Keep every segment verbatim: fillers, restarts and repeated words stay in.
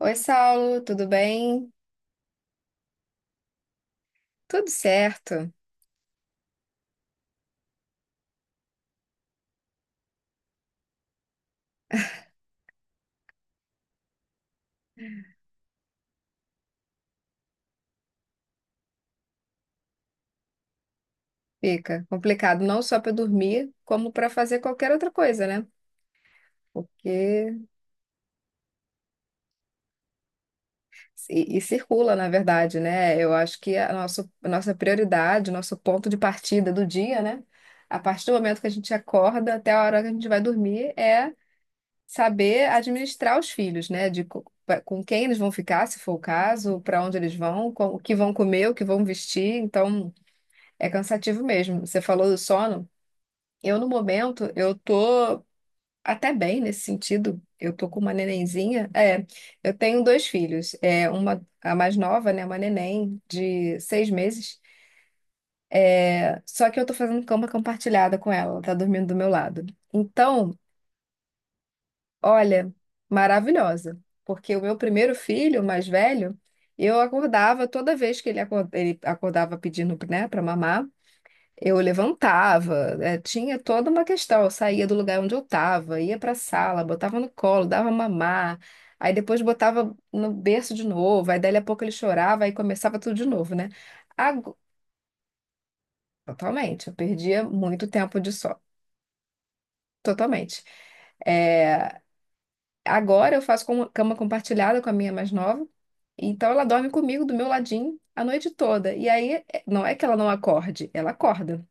Oi, Saulo, tudo bem? Tudo certo. Fica complicado não só para dormir, como para fazer qualquer outra coisa, né? Porque e, e circula, na verdade, né? Eu acho que a nosso, a nossa prioridade, o nosso ponto de partida do dia, né? A partir do momento que a gente acorda até a hora que a gente vai dormir, é saber administrar os filhos, né? De co- pra- com quem eles vão ficar, se for o caso, para onde eles vão, com- o que vão comer, o que vão vestir. Então, é cansativo mesmo. Você falou do sono. Eu, no momento, eu tô até bem nesse sentido. Eu tô com uma nenenzinha. É, eu tenho dois filhos. É, uma, a mais nova, né? Uma neném de seis meses. Só que eu tô fazendo cama compartilhada com ela. Ela tá dormindo do meu lado. Então, olha, maravilhosa. Porque o meu primeiro filho, o mais velho, eu acordava toda vez que ele, acor- ele acordava pedindo, né, pra mamar. Eu levantava, eh, tinha toda uma questão. Eu saía do lugar onde eu estava, ia para a sala, botava no colo, dava mamar, aí depois botava no berço de novo, aí dali a pouco ele chorava, aí começava tudo de novo, né? Ago- Totalmente, eu perdia muito tempo de só, totalmente. Eh, agora eu faço com- cama compartilhada com a minha mais nova, então ela dorme comigo do meu ladinho a noite toda. E aí, eh, não é que ela não acorde, ela acorda.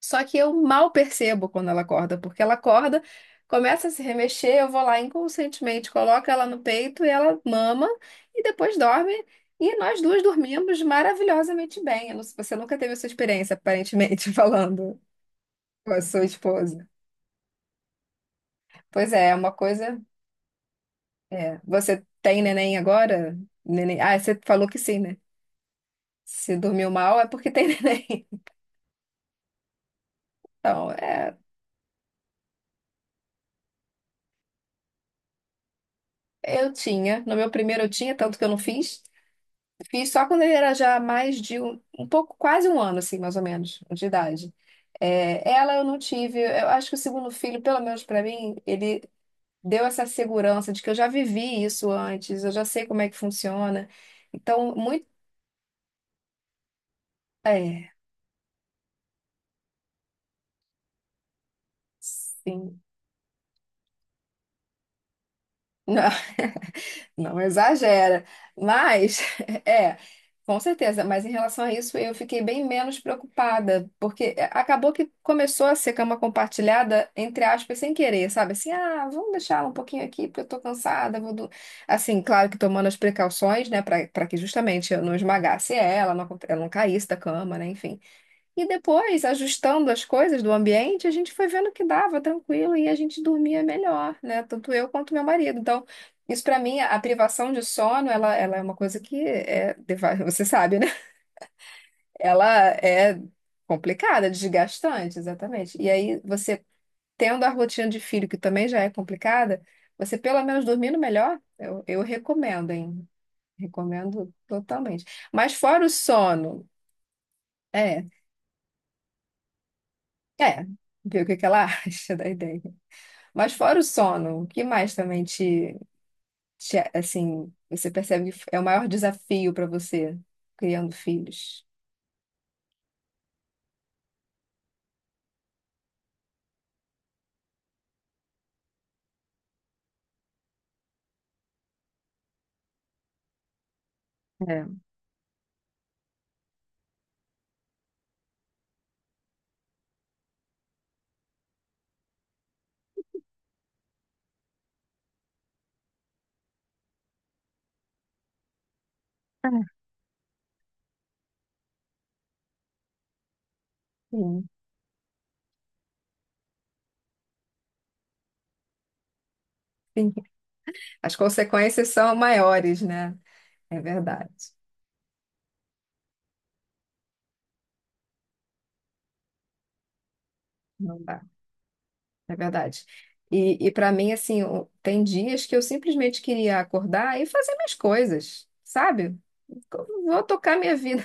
Só que eu mal percebo quando ela acorda, porque ela acorda, começa a se remexer, eu vou lá inconscientemente, coloco ela no peito e ela mama e depois dorme. E nós duas dormimos maravilhosamente bem. Eu não- Você nunca teve essa experiência, aparentemente, falando com a sua esposa. Pois é, é uma coisa. É. Você tem neném agora? Neném... Ah, você falou que sim, né? Se dormiu mal é porque tem neném. Então, é, eu tinha. No meu primeiro eu tinha, tanto que eu não fiz. Fiz só quando ele era já mais de um, um pouco, quase um ano, assim, mais ou menos, de idade. É, ela eu não tive. Eu acho que o segundo filho, pelo menos para mim, ele deu essa segurança de que eu já vivi isso antes, eu já sei como é que funciona. Então, muito. É, sim. Não exagera, mas é, com certeza. Mas em relação a isso, eu fiquei bem menos preocupada, porque eh, acabou que começou a ser cama compartilhada, entre aspas, sem querer, sabe? Assim, ah, vamos deixar ela um pouquinho aqui, porque eu tô cansada. Vou do... Assim, claro que tomando as precauções, né, para para que justamente eu não esmagasse ela, não, aconte- ela não caísse da cama, né, enfim. E depois, ajustando as coisas do ambiente, a gente foi vendo que dava tranquilo e a gente dormia melhor, né? Tanto eu quanto meu marido. Então, isso para mim, a privação de sono, ela, ela é uma coisa que é, deva- você sabe, né? Ela é complicada, desgastante, exatamente. E aí, você tendo a rotina de filho, que também já é complicada, você pelo menos dormindo melhor, eu, eu recomendo, hein? Recomendo totalmente. Mas fora o sono, é, é, ver o que que ela acha da ideia. Mas fora o sono, o que mais também te, te, assim, você percebe que é o maior desafio para você criando filhos? É. Ah, sim. Sim. As consequências são maiores, né? É verdade. Não dá. É verdade. E, e para mim, assim, o- tem dias que eu simplesmente queria acordar e fazer minhas coisas, sabe? Eu vou tocar minha vida.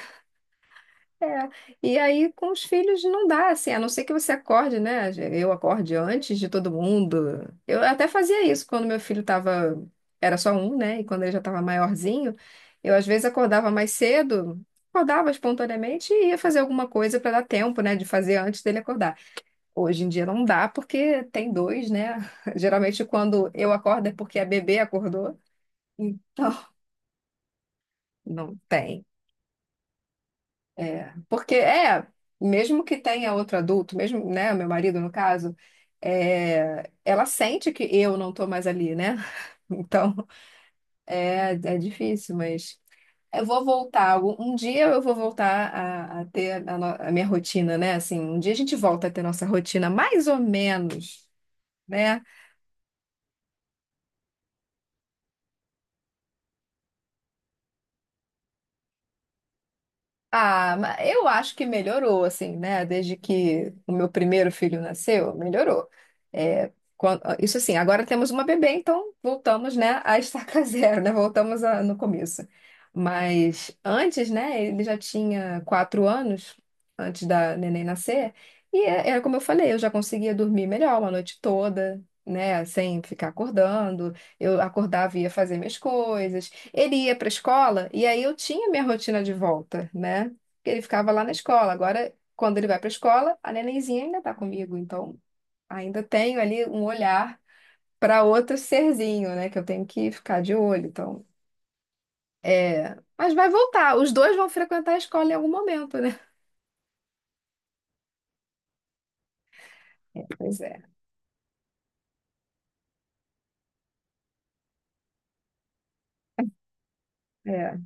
É, e aí com os filhos não dá, assim, a não ser que você acorde, né? Eu acorde antes de todo mundo. Eu até fazia isso quando meu filho tava, era só um, né? E quando ele já estava maiorzinho, eu às vezes acordava mais cedo, acordava espontaneamente e ia fazer alguma coisa para dar tempo, né? De fazer antes dele acordar. Hoje em dia não dá porque tem dois, né? Geralmente quando eu acordo é porque a bebê acordou. Então, não tem. É, porque é, mesmo que tenha outro adulto, mesmo, né, meu marido no caso, é, ela sente que eu não tô mais ali, né? Então, é, é difícil, mas eu vou voltar. algum- Um dia eu vou voltar a, a ter a, no- a minha rotina, né? Assim, um dia a gente volta a ter nossa rotina, mais ou menos, né? Ah, ma- eu acho que melhorou, assim, né? Desde que o meu primeiro filho nasceu, melhorou. É, quan- ah, isso assim, agora temos uma bebê, então voltamos, né, a estaca zero, né? Voltamos a- no começo. Mas antes, né, ele já tinha quatro anos, antes da neném nascer, e é- era como eu falei, eu já conseguia dormir melhor uma noite toda, né, sem ficar acordando. Eu acordava e ia fazer minhas coisas. Ele ia para a escola e aí eu tinha minha rotina de volta, né? Porque ele ficava lá na escola. Agora, quando ele vai para a escola, a nenenzinha ainda está comigo, então ainda tenho ali um olhar para outro serzinho, né? Que eu tenho que ficar de olho. Então, é. Mas vai voltar, os dois vão frequentar a escola em algum momento, né? É, pois é, é.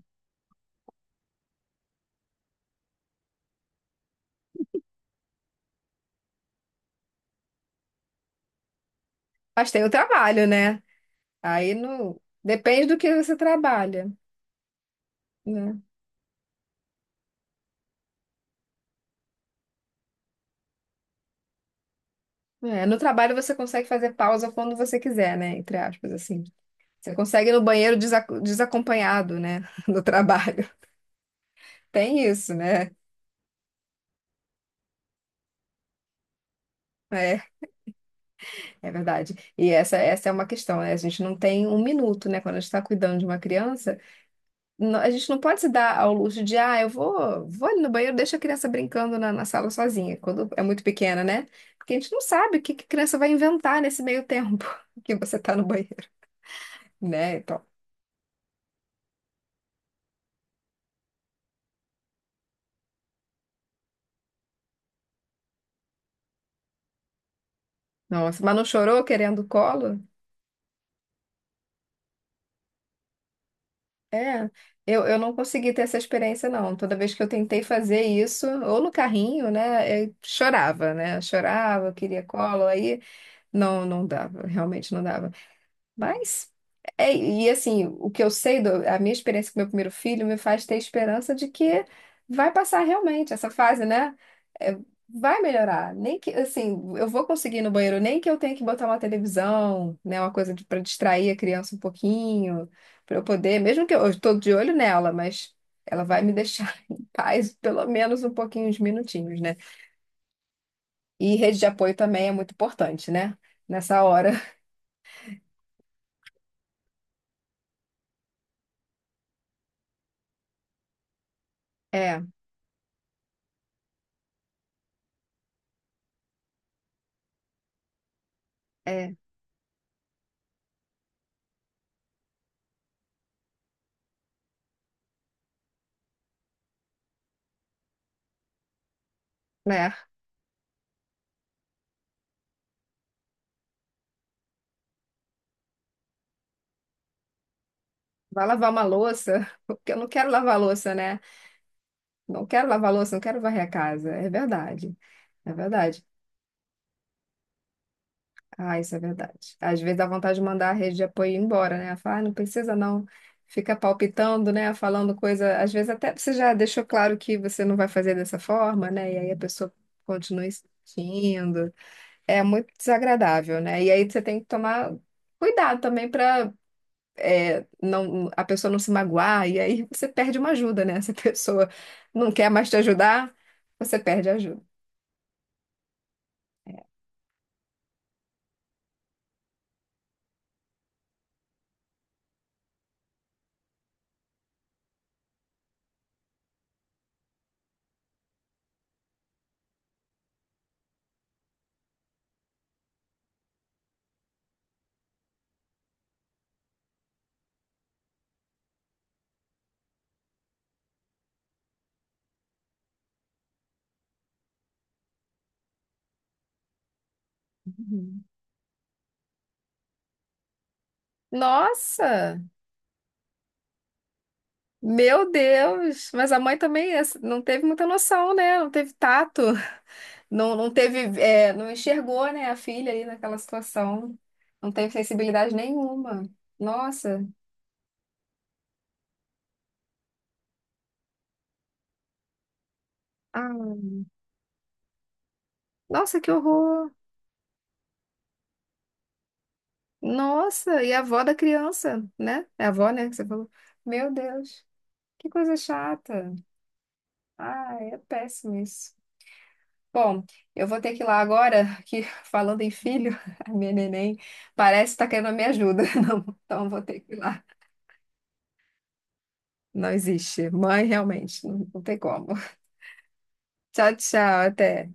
Mas tem o trabalho, né? Aí no Depende do que você trabalha, né? É, no trabalho você consegue fazer pausa quando você quiser, né? Entre aspas, assim. Você consegue ir no banheiro desa- desacompanhado, né? Do trabalho. Tem isso, né? É, é verdade. E essa, essa é uma questão, né? A gente não tem um minuto, né? Quando a gente está cuidando de uma criança, no- a gente não pode se dar ao luxo de, ah, eu vou, vou ali no banheiro, deixa a criança brincando na, na sala sozinha, quando é muito pequena, né? Porque a gente não sabe o que, que a criança vai inventar nesse meio tempo que você está no banheiro, né? Então, nossa, mas não chorou querendo colo? É, eu, eu não consegui ter essa experiência, não. Toda vez que eu tentei fazer isso, ou no carrinho, né, eu chorava, né? Chorava, eu queria colo, aí não, não dava, realmente não dava. Mas, é, e assim, o que eu sei, do- a minha experiência com meu primeiro filho me faz ter esperança de que vai passar realmente essa fase, né? É, vai melhorar. Nem que, assim, eu vou conseguir ir no banheiro, nem que eu tenha que botar uma televisão, né? Uma coisa para distrair a criança um pouquinho, para eu poder, mesmo que eu estou de olho nela, mas ela vai me deixar em paz pelo menos um pouquinho, uns minutinhos, né? E rede de apoio também é muito importante, né? Nessa hora. É, é, né? Vai lavar uma louça, porque eu não quero lavar a louça, né? Não quero lavar a louça, não quero varrer a casa. É verdade. É verdade. Ah, isso é verdade. Às vezes dá vontade de mandar a rede de apoio embora, né? Falar, ah, não precisa não. Fica palpitando, né? Falando coisa. Às vezes até você já deixou claro que você não vai fazer dessa forma, né? E aí a pessoa continua insistindo. É muito desagradável, né? E aí você tem que tomar cuidado também para é, não, a pessoa não se magoar, e aí você perde uma ajuda, né? Se a pessoa não quer mais te ajudar, você perde a ajuda. Uhum. Nossa, meu Deus! Mas a mãe também é, assim, não teve muita noção, né? Não teve tato, não, não teve, é, não enxergou, né, a filha ali naquela situação, não teve sensibilidade nenhuma. Nossa, ah, nossa, que horror! Nossa, e a avó da criança, né? É a avó, né, que você falou. Meu Deus, que coisa chata. Ah, é péssimo isso. Bom, eu vou ter que ir lá agora, que falando em filho, a minha neném parece estar querendo a minha ajuda. Não, então eu vou ter que ir lá. Não existe. Mãe, realmente, não não tem como. Tchau, tchau, até.